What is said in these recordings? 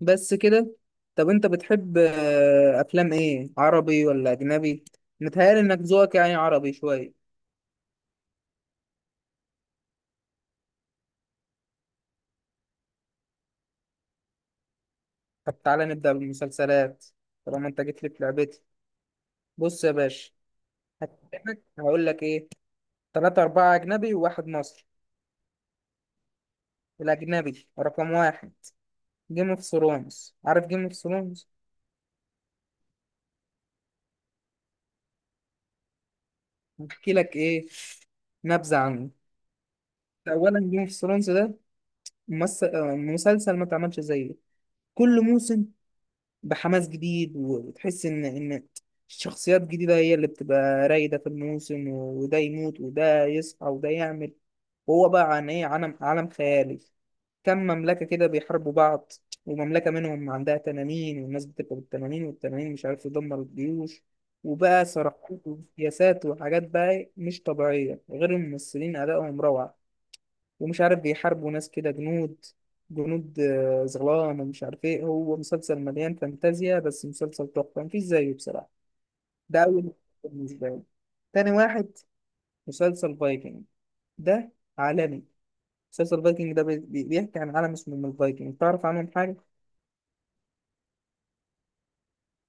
بس كده. طب انت بتحب افلام ايه، عربي ولا اجنبي؟ متهيألي انك ذوقك يعني عربي شويه. طب تعالى نبدأ بالمسلسلات، طالما انت جيت لي في لعبتي. بص يا باشا، هكلمك هقول لك ايه. 3 4 أجنبي و1 مصري. الأجنبي رقم 1 جيم اوف ثرونز، عارف جيم اوف ثرونز؟ هحكي لك ايه، نبذة عنه. أولا جيم اوف ثرونز ده مسلسل ما اتعملش زيه. كل موسم بحماس جديد، وتحس ان الشخصيات الجديده هي اللي بتبقى رايده في الموسم، وده يموت وده يصحى وده يعمل. وهو بقى عن ايه؟ عالم خيالي، كم مملكه كده بيحاربوا بعض، ومملكه منهم عندها تنانين، والناس بتبقى بالتنانين، والتنانين مش عارف تدمر الجيوش، وبقى صراعات وسياسات وحاجات بقى مش طبيعيه، غير الممثلين ادائهم روعه. ومش عارف بيحاربوا ناس كده جنود. جنود زغلان ومش عارف ايه. هو مسلسل مليان فانتازيا، بس مسلسل تحفة مفيش زيه بصراحة. ده أول مسلسل بالنسبة لي. تاني واحد مسلسل فايكنج. ده عالمي. مسلسل فايكنج ده بيحكي عن عالم اسمه من الفايكنج. تعرف عنهم حاجة؟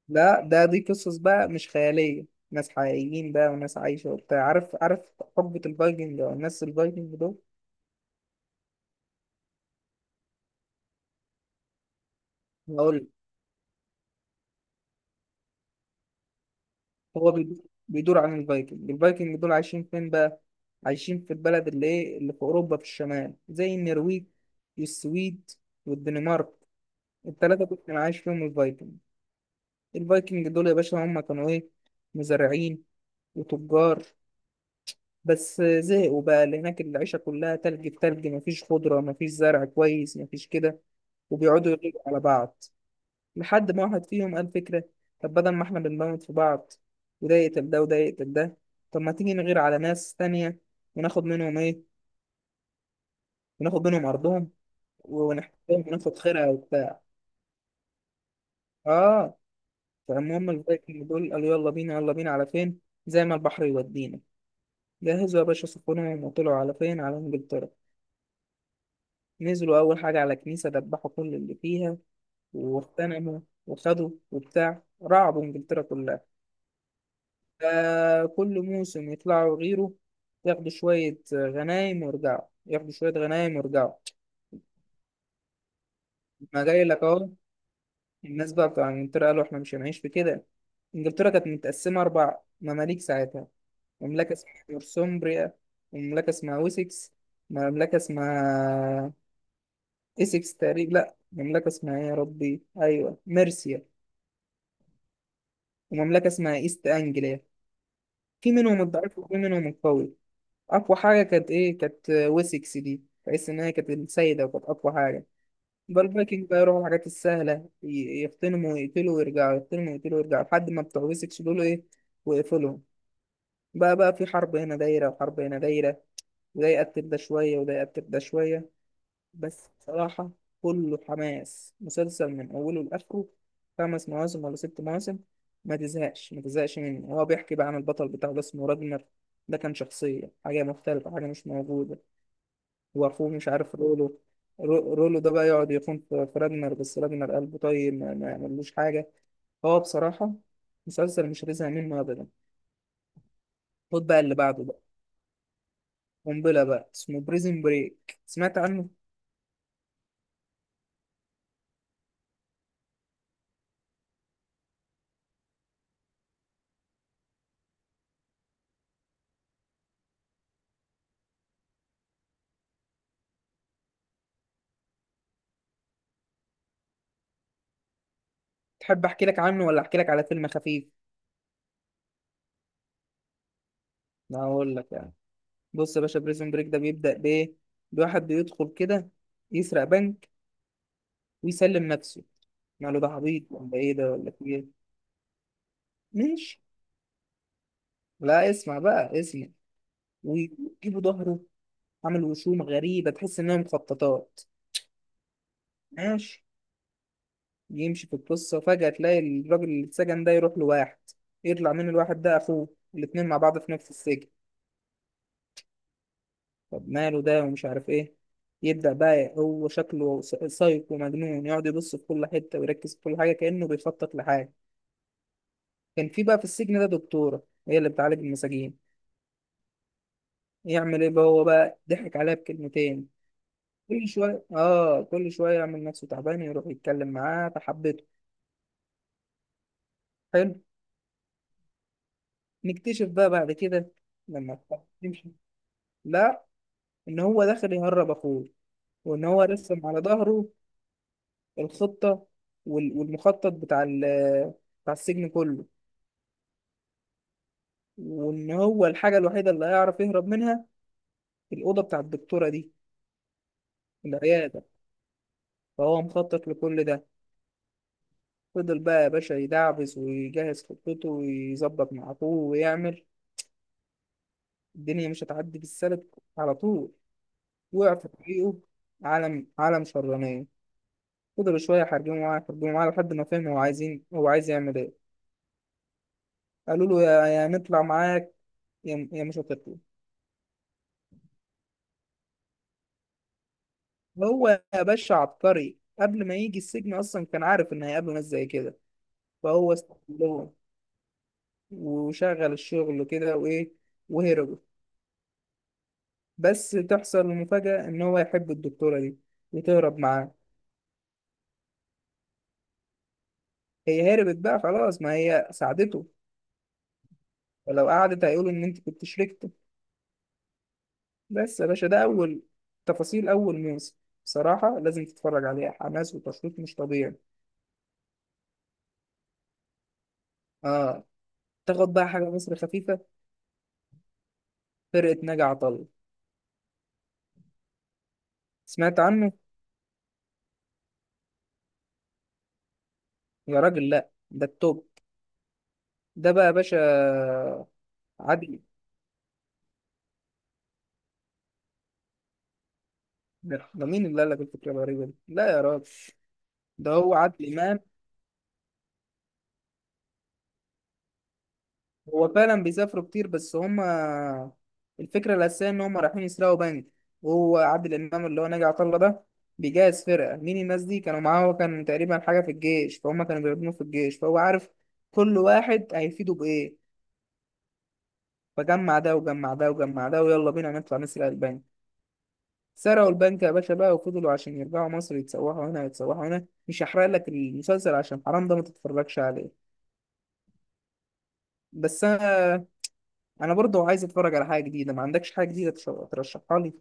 لا، ده دي قصص بقى مش خيالية، ناس حقيقيين بقى وناس عايشة وبتاع، عارف حقبة الفايكنج أو الناس الفايكنج دول. هقول. هو بيدور، بيدور عن الفايكنج دول عايشين فين بقى؟ عايشين في البلد اللي ايه، اللي في اوروبا في الشمال، زي النرويج والسويد والدنمارك. الـ3 دول كان عايش فيهم الفايكنج. الفايكنج دول يا باشا هم كانوا ايه؟ مزارعين وتجار. بس زهقوا بقى، اللي هناك العيشة كلها تلج في تلج، مفيش خضرة، مفيش زرع كويس، مفيش كده. وبيقعدوا يغيروا على بعض، لحد ما واحد فيهم قال فكرة. طب بدل ما احنا بنموت في بعض، وده يقتل ده وده يقتل ده، طب ما تيجي نغير على ناس تانية وناخد منهم ايه، وناخد منهم أرضهم، ونحتلهم وناخد خيرها وبتاع. اه. فالمهم الفايكنج دول قالوا يلا بينا، يلا بينا على فين، زي ما البحر يودينا. جهزوا يا باشا سفنهم وطلعوا على فين؟ على إنجلترا. نزلوا أول حاجة على كنيسة، دبحوا كل اللي فيها واغتنموا وخدوا وبتاع، رعبوا إنجلترا كلها. آه كل موسم يطلعوا غيره، ياخدوا شوية غنايم ويرجعوا، ياخدوا شوية غنايم ويرجعوا. ما جاي لك اهو. الناس بقى بتوع انجلترا قالوا احنا مش هنعيش في كده. انجلترا كانت متقسمة 4 مماليك ساعتها. مملكة اسمها نورثومبريا، ومملكة اسمها ويسكس، مملكة اسمها إسكس تقريبا، لأ مملكة اسمها إيه يا ربي، أيوه ميرسيا، ومملكة اسمها إيست أنجليا. في منهم الضعيف وفي منهم القوي. اقوى حاجه كانت ايه؟ كانت ويسكس دي، بحيث ان هي كانت السيده وكانت اقوى حاجه. يبقى الفايكنج بقى يروحوا الحاجات السهله، يغتنموا ويقتلوا ويرجعوا، يغتنموا ويقتلوا ويرجعوا، لحد ما بتوع ويسكس دول ايه، ويقفلهم. بقى في حرب هنا دايره وحرب هنا دايره، وده يقتل ده شويه وده يقتل ده شويه. بس بصراحه كله حماس، مسلسل من اوله لاخره. 5 مواسم ولا 6 مواسم، ما تزهقش ما تزهقش منه. هو بيحكي بقى عن البطل بتاعه، ده اسمه راجنر. ده كان شخصية حاجة مختلفة، حاجة مش موجودة. واخوه مش عارف رولو. رولو ده بقى يقعد يخون في راجنر، بس راجنر قلبه طيب ما يعملوش حاجه. هو بصراحه مسلسل مش رزق منه ابدا. خد بقى اللي بعده بقى، قنبله بقى، اسمه بريزن بريك، سمعت عنه؟ تحب احكي لك عنه ولا احكي لك على فيلم خفيف؟ انا هقول لك يعني. بص يا باشا، بريزن بريك ده بيبدا بايه؟ بواحد بيدخل كده يسرق بنك ويسلم نفسه. قال له ده عبيط ولا ايه ده، ولا في ايه؟ ماشي. لا اسمع بقى اسمع. ويجيبوا ظهره عامل وشوم غريبة تحس إنها مخططات. ماشي. يمشي في القصة، فجأة تلاقي الراجل اللي اتسجن ده يروح لواحد، يطلع من الواحد ده أخوه، الاتنين مع بعض في نفس السجن. طب ماله ده ومش عارف إيه. يبدأ بقى هو، شكله سايكو مجنون، يقعد يبص في كل حتة ويركز في كل حاجة كأنه بيخطط لحاجة. كان في بقى في السجن ده دكتورة، هي اللي بتعالج المساجين. يعمل إيه بقى هو بقى؟ ضحك عليها بكلمتين. كل شوية آه كل شوية يعمل نفسه تعبان، يروح يتكلم معاه، فحبته. حلو. نكتشف بقى بعد كده، لما الخط تمشي، لا، ان هو داخل يهرب اخوه. وان هو رسم على ظهره الخطة، والمخطط بتاع السجن كله. وان هو الحاجة الوحيدة اللي هيعرف يهرب منها الأوضة بتاع الدكتورة دي، العيادة. فهو مخطط لكل ده. فضل بقى يا باشا يدعبس ويجهز خطته، ويظبط مع اخوه ويعمل. الدنيا مش هتعدي بالسلك على طول، وقع في طريقه عالم شرانية. فضلوا شوية يحاربوه معاه يحاربوه معاه، لحد ما فهم هو عايزين، هو عايز يعمل إيه. قالوا له يا نطلع معاك، يا مش هتطلع. هو يا باشا عبقري، قبل ما يجي السجن أصلا كان عارف إن هيقابله ناس زي كده، فهو استغلهم وشغل الشغل كده وإيه، وهربوا. بس تحصل المفاجأة إن هو يحب الدكتورة دي وتهرب معاه. هي هربت بقى خلاص، ما هي ساعدته، ولو قعدت هيقولوا إن أنت كنت شريك. بس يا باشا ده أول، تفاصيل أول موسم، بصراحة لازم تتفرج عليها. حماس وتشويق مش طبيعي. آه. تاخد بقى حاجة مصر خفيفة، فرقة ناجي عطا الله، سمعت عنه؟ يا راجل لأ، ده التوب. ده بقى يا باشا عادل. ده مين اللي قال لك الفكرة الغريبة دي؟ لا يا راجل، ده هو عادل إمام. هو فعلا بيسافروا كتير، بس هما الفكرة الأساسية إن هما رايحين يسرقوا بنك. وهو عادل إمام، اللي هو ناجي عطا الله ده، بيجهز فرقة. مين الناس دي؟ كانوا معاه، هو كان تقريبا حاجة في الجيش، فهم كانوا بيخدموه في الجيش، فهو عارف كل واحد هيفيده بإيه. فجمع ده وجمع ده وجمع ده، ويلا بينا نطلع نسرق البنك. سرقوا البنك يا باشا بقى، وفضلوا عشان يرجعوا مصر، يتسوحوا هنا يتسوحوا هنا. مش هحرق لك المسلسل عشان حرام، ده ما تتفرجش عليه. بس أنا، انا برضو عايز اتفرج على حاجه جديده. ما عندكش حاجه جديده ترشحها لي؟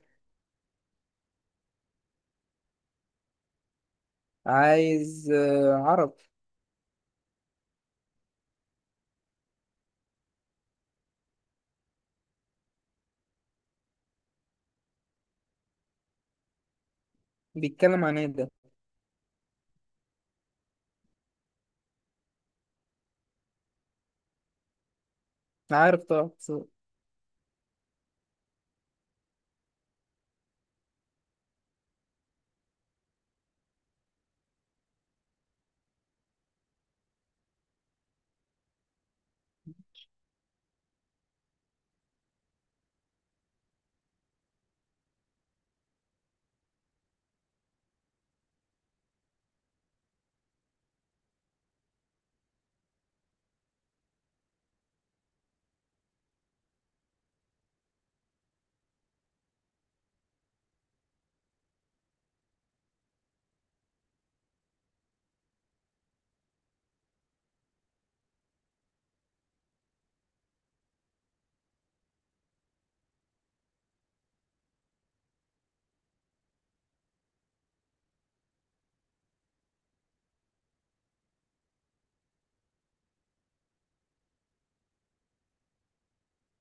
عايز عرب. بيتكلم عن ايه ده؟ عارف طبعا بس.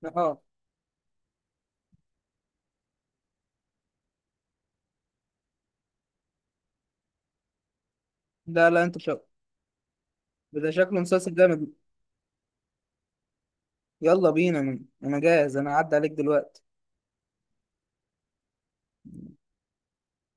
اه. لا لا، انت شك. ده شكله مسلسل جامد. يلا بينا، انا جاهز، انا عدى عليك دلوقتي.